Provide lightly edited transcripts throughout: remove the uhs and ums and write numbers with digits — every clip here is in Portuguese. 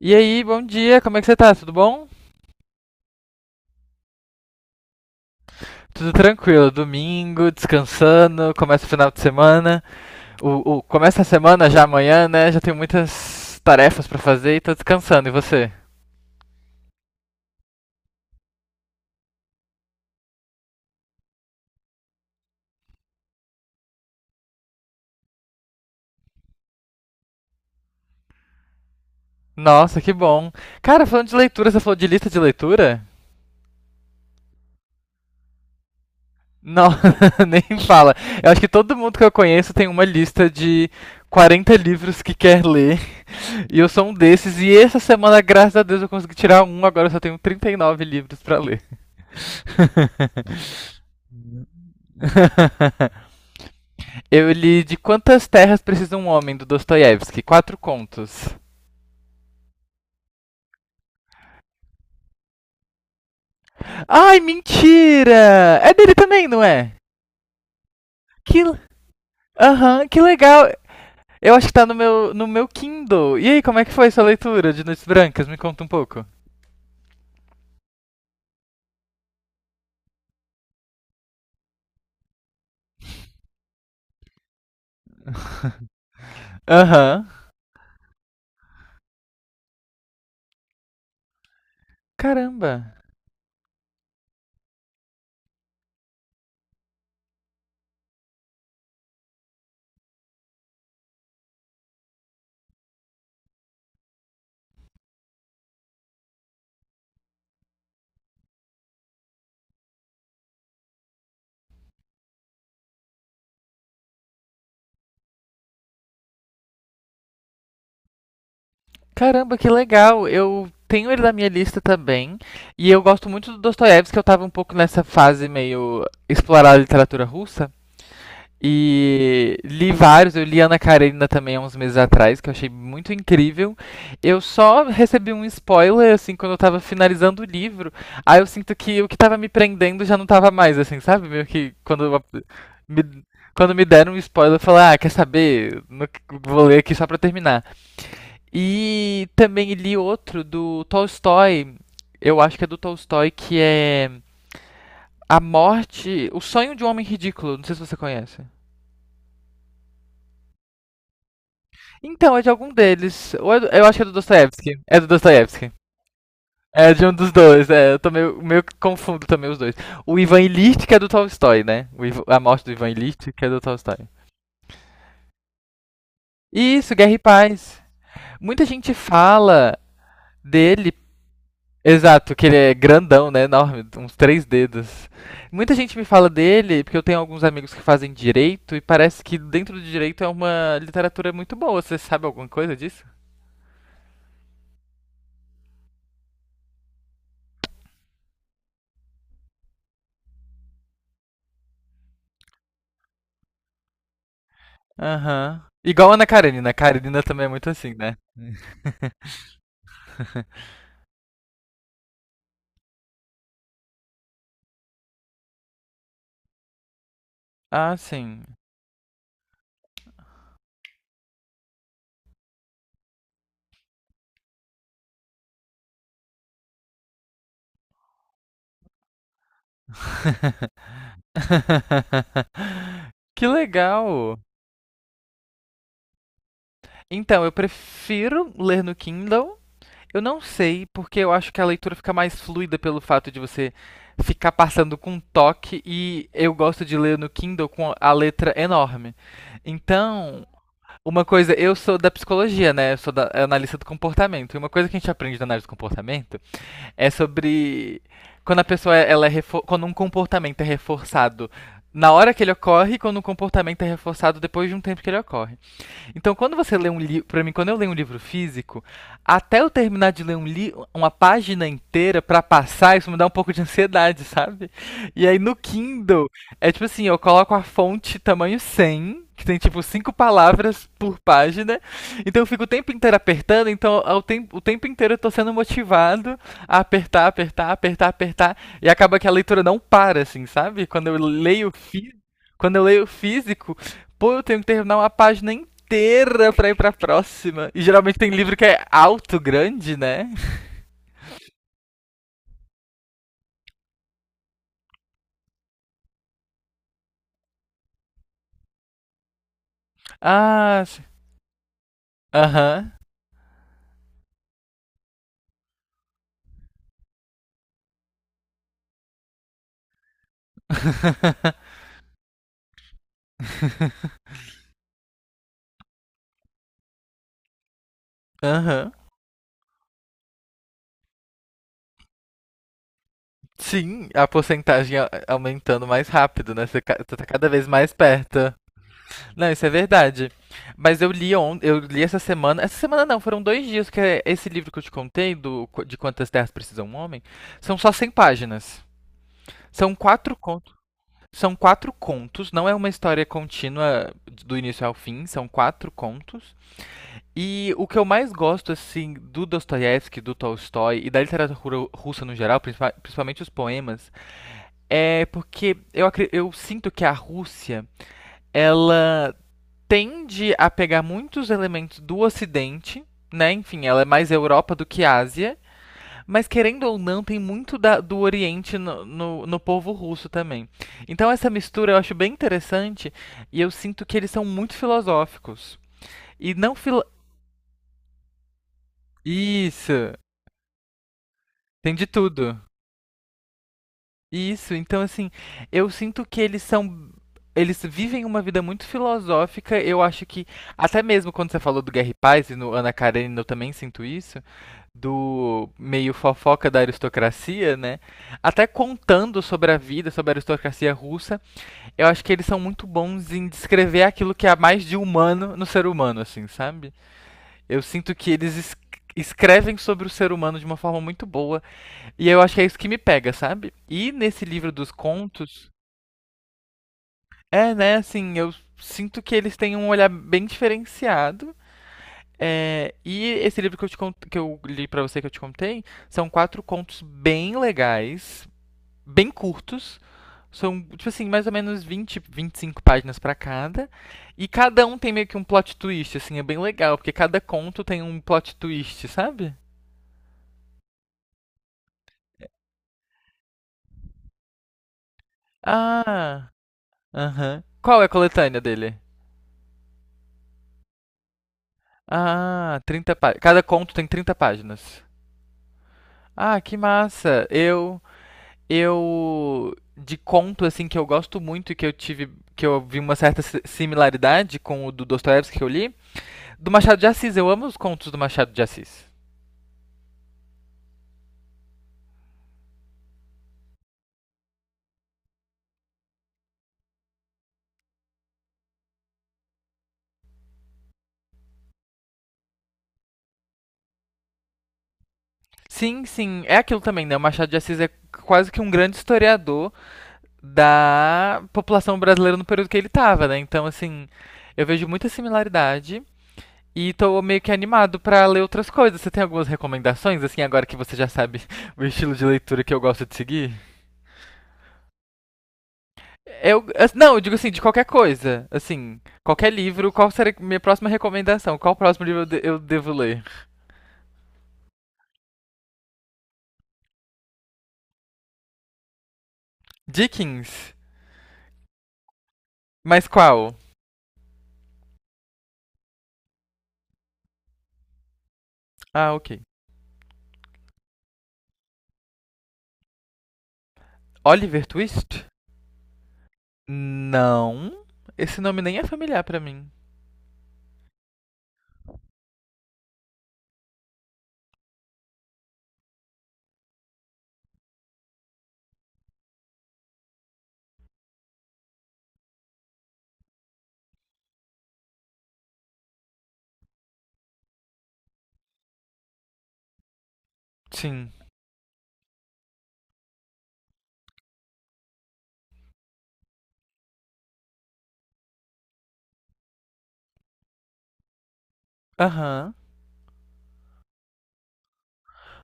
E aí, bom dia, como é que você tá? Tudo bom? Tudo tranquilo, domingo, descansando, começa o final de semana. Começa a semana já amanhã, né? Já tenho muitas tarefas pra fazer e tô descansando. E você? Nossa, que bom. Cara, falando de leitura, você falou de lista de leitura? Não, nem fala. Eu acho que todo mundo que eu conheço tem uma lista de 40 livros que quer ler. E eu sou um desses. E essa semana, graças a Deus, eu consegui tirar um. Agora eu só tenho 39 livros pra ler. Eu li De Quantas Terras Precisa um Homem, do Dostoiévski. Quatro contos. Ai, mentira! É dele também, não é? Que... Aham, que legal! Eu acho que tá no meu Kindle. E aí, como é que foi sua leitura de Noites Brancas? Me conta um pouco. Aham. Uhum. Caramba. Caramba, que legal. Eu tenho ele na minha lista também. E eu gosto muito do Dostoiévski, que eu tava um pouco nessa fase meio explorar a literatura russa. E li vários, eu li Ana Karenina também há uns meses atrás, que eu achei muito incrível. Eu só recebi um spoiler, assim, quando eu tava finalizando o livro. Aí eu sinto que o que tava me prendendo já não tava mais, assim, sabe? Meio que me, quando me deram um spoiler, eu falei, ah, quer saber? Vou ler aqui só pra terminar. E também li outro do Tolstói, eu acho que é do Tolstói, que é A Morte, O Sonho de um Homem Ridículo, não sei se você conhece. Então, é de algum deles. Eu acho que é do Dostoiévski. É do Dostoiévski. É de um dos dois, é. Eu tô meio que confundo também os dois. O Ivan Ilitch, que é do Tolstói, né? A morte do Ivan Ilitch, que é do Tolstói. Isso, Guerra e Paz. Muita gente fala dele. Exato, que ele é grandão, né? Enorme, uns três dedos. Muita gente me fala dele, porque eu tenho alguns amigos que fazem direito, e parece que dentro do direito é uma literatura muito boa. Você sabe alguma coisa disso? Aham. Igual a Ana Karenina. A Karenina também é muito assim, né? Ah, sim. Que legal! Então, eu prefiro ler no Kindle. Eu não sei, porque eu acho que a leitura fica mais fluida pelo fato de você ficar passando com um toque e eu gosto de ler no Kindle com a letra enorme. Então, uma coisa, eu sou da psicologia, né? Eu sou da analista do comportamento. E uma coisa que a gente aprende na análise do comportamento é sobre quando a pessoa ela quando um comportamento é reforçado na hora que ele ocorre, e quando um comportamento é reforçado depois de um tempo que ele ocorre. Então, quando você lê um livro, para mim, quando eu leio um livro físico, até eu terminar de ler um li uma página inteira para passar, isso me dá um pouco de ansiedade, sabe? E aí no Kindle, é tipo assim, eu coloco a fonte tamanho 100, que tem tipo cinco palavras por página. Então eu fico o tempo inteiro apertando, então o tempo inteiro eu tô sendo motivado a apertar, apertar, apertar, apertar, e acaba que a leitura não para assim, sabe? Quando eu leio físico, pô, eu tenho que terminar uma página inteira pra ir pra próxima. E geralmente tem livro que é alto, grande, né? Ah, sim. Aham. Uhum. Aham. Uhum. Sim, a porcentagem aumentando mais rápido, né? Você tá cada vez mais perto. Não, isso é verdade. Mas eu li eu li essa semana. Essa semana não, foram dois dias, que é esse livro que eu te contei, de Quantas Terras Precisa um Homem, são só 100 páginas. São quatro contos. São quatro contos, não é uma história contínua do início ao fim, são quatro contos. E o que eu mais gosto, assim, do Dostoiévski, do Tolstói e da literatura russa no geral, principalmente os poemas, é porque eu sinto que a Rússia, ela tende a pegar muitos elementos do Ocidente, né? Enfim, ela é mais Europa do que Ásia, mas querendo ou não, tem muito do Oriente no povo russo também. Então essa mistura eu acho bem interessante e eu sinto que eles são muito filosóficos. E não filo... Isso! Tem de tudo. Isso, então assim, eu sinto que eles são. Eles vivem uma vida muito filosófica. Eu acho que, até mesmo quando você falou do Guerra e Paz, e no Ana Karenina eu também sinto isso, do meio fofoca da aristocracia, né? Até contando sobre a vida, sobre a aristocracia russa, eu acho que eles são muito bons em descrever aquilo que há mais de humano no ser humano, assim, sabe? Eu sinto que eles escrevem sobre o ser humano de uma forma muito boa e eu acho que é isso que me pega, sabe? E nesse livro dos contos, é, né, assim, eu sinto que eles têm um olhar bem diferenciado. É, e esse livro que que eu li pra você, que eu te contei, são quatro contos bem legais, bem curtos. São, tipo assim, mais ou menos 20 a 25 páginas pra cada. E cada um tem meio que um plot twist, assim, é bem legal, porque cada conto tem um plot twist, sabe? Ah, aham. Qual é a coletânea dele? Ah, 30 páginas. Cada conto tem 30 páginas. Ah, que massa. Eu de conto assim que eu gosto muito e que eu vi uma certa similaridade com o do Dostoiévski que eu li, do Machado de Assis. Eu amo os contos do Machado de Assis. Sim, sim, é aquilo também, né? O Machado de Assis é quase que um grande historiador da população brasileira no período que ele estava, né? Então, assim, eu vejo muita similaridade. E tô meio que animado pra ler outras coisas. Você tem algumas recomendações, assim, agora que você já sabe o estilo de leitura que eu gosto de seguir? Não, eu digo assim, de qualquer coisa. Assim, qualquer livro, qual será minha próxima recomendação? Qual próximo livro eu devo ler? Dickens. Mas qual? Ah, ok. Oliver Twist? Não. Esse nome nem é familiar pra mim. Sim. Aham.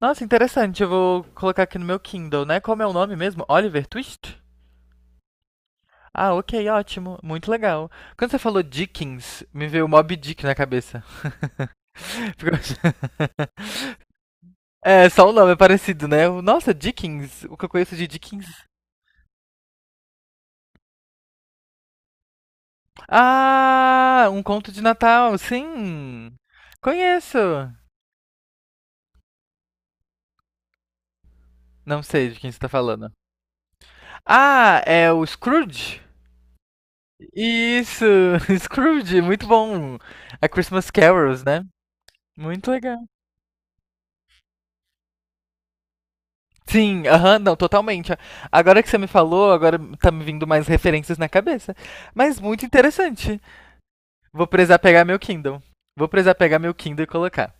Nossa, interessante. Eu vou colocar aqui no meu Kindle, né? Como é o nome mesmo? Oliver Twist? Ah, ok, ótimo. Muito legal. Quando você falou Dickens, me veio Moby Dick na cabeça. Ficou- É, só o nome é parecido, né? Nossa, Dickens. O que eu conheço de Dickens? Ah, um conto de Natal, sim. Conheço. Não sei de quem você tá falando. Ah, é o Scrooge? Isso, Scrooge, muito bom. A Christmas Carols, né? Muito legal. Sim, aham, não, totalmente. Agora que você me falou, agora tá me vindo mais referências na cabeça. Mas muito interessante. Vou precisar pegar meu Kindle. Vou precisar pegar meu Kindle e colocar.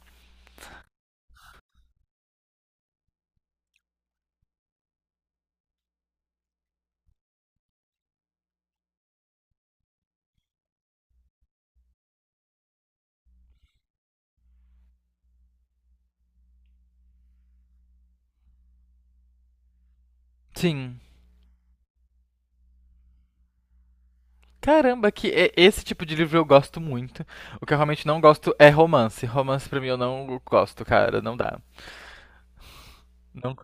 Sim. Caramba, esse tipo de livro eu gosto muito. O que eu realmente não gosto é romance. Romance pra mim eu não gosto, cara, não dá. Não.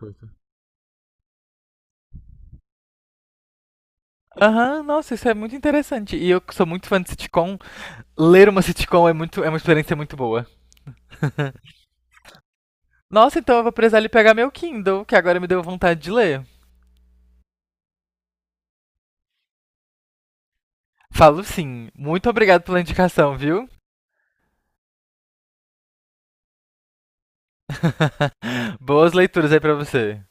Aham, nossa, isso é muito interessante. E eu que sou muito fã de sitcom. Ler uma sitcom é muito, é uma experiência muito boa. Nossa, então eu vou precisar ali pegar meu Kindle, que agora me deu vontade de ler. Falo sim. Muito obrigado pela indicação, viu? Boas leituras aí pra você.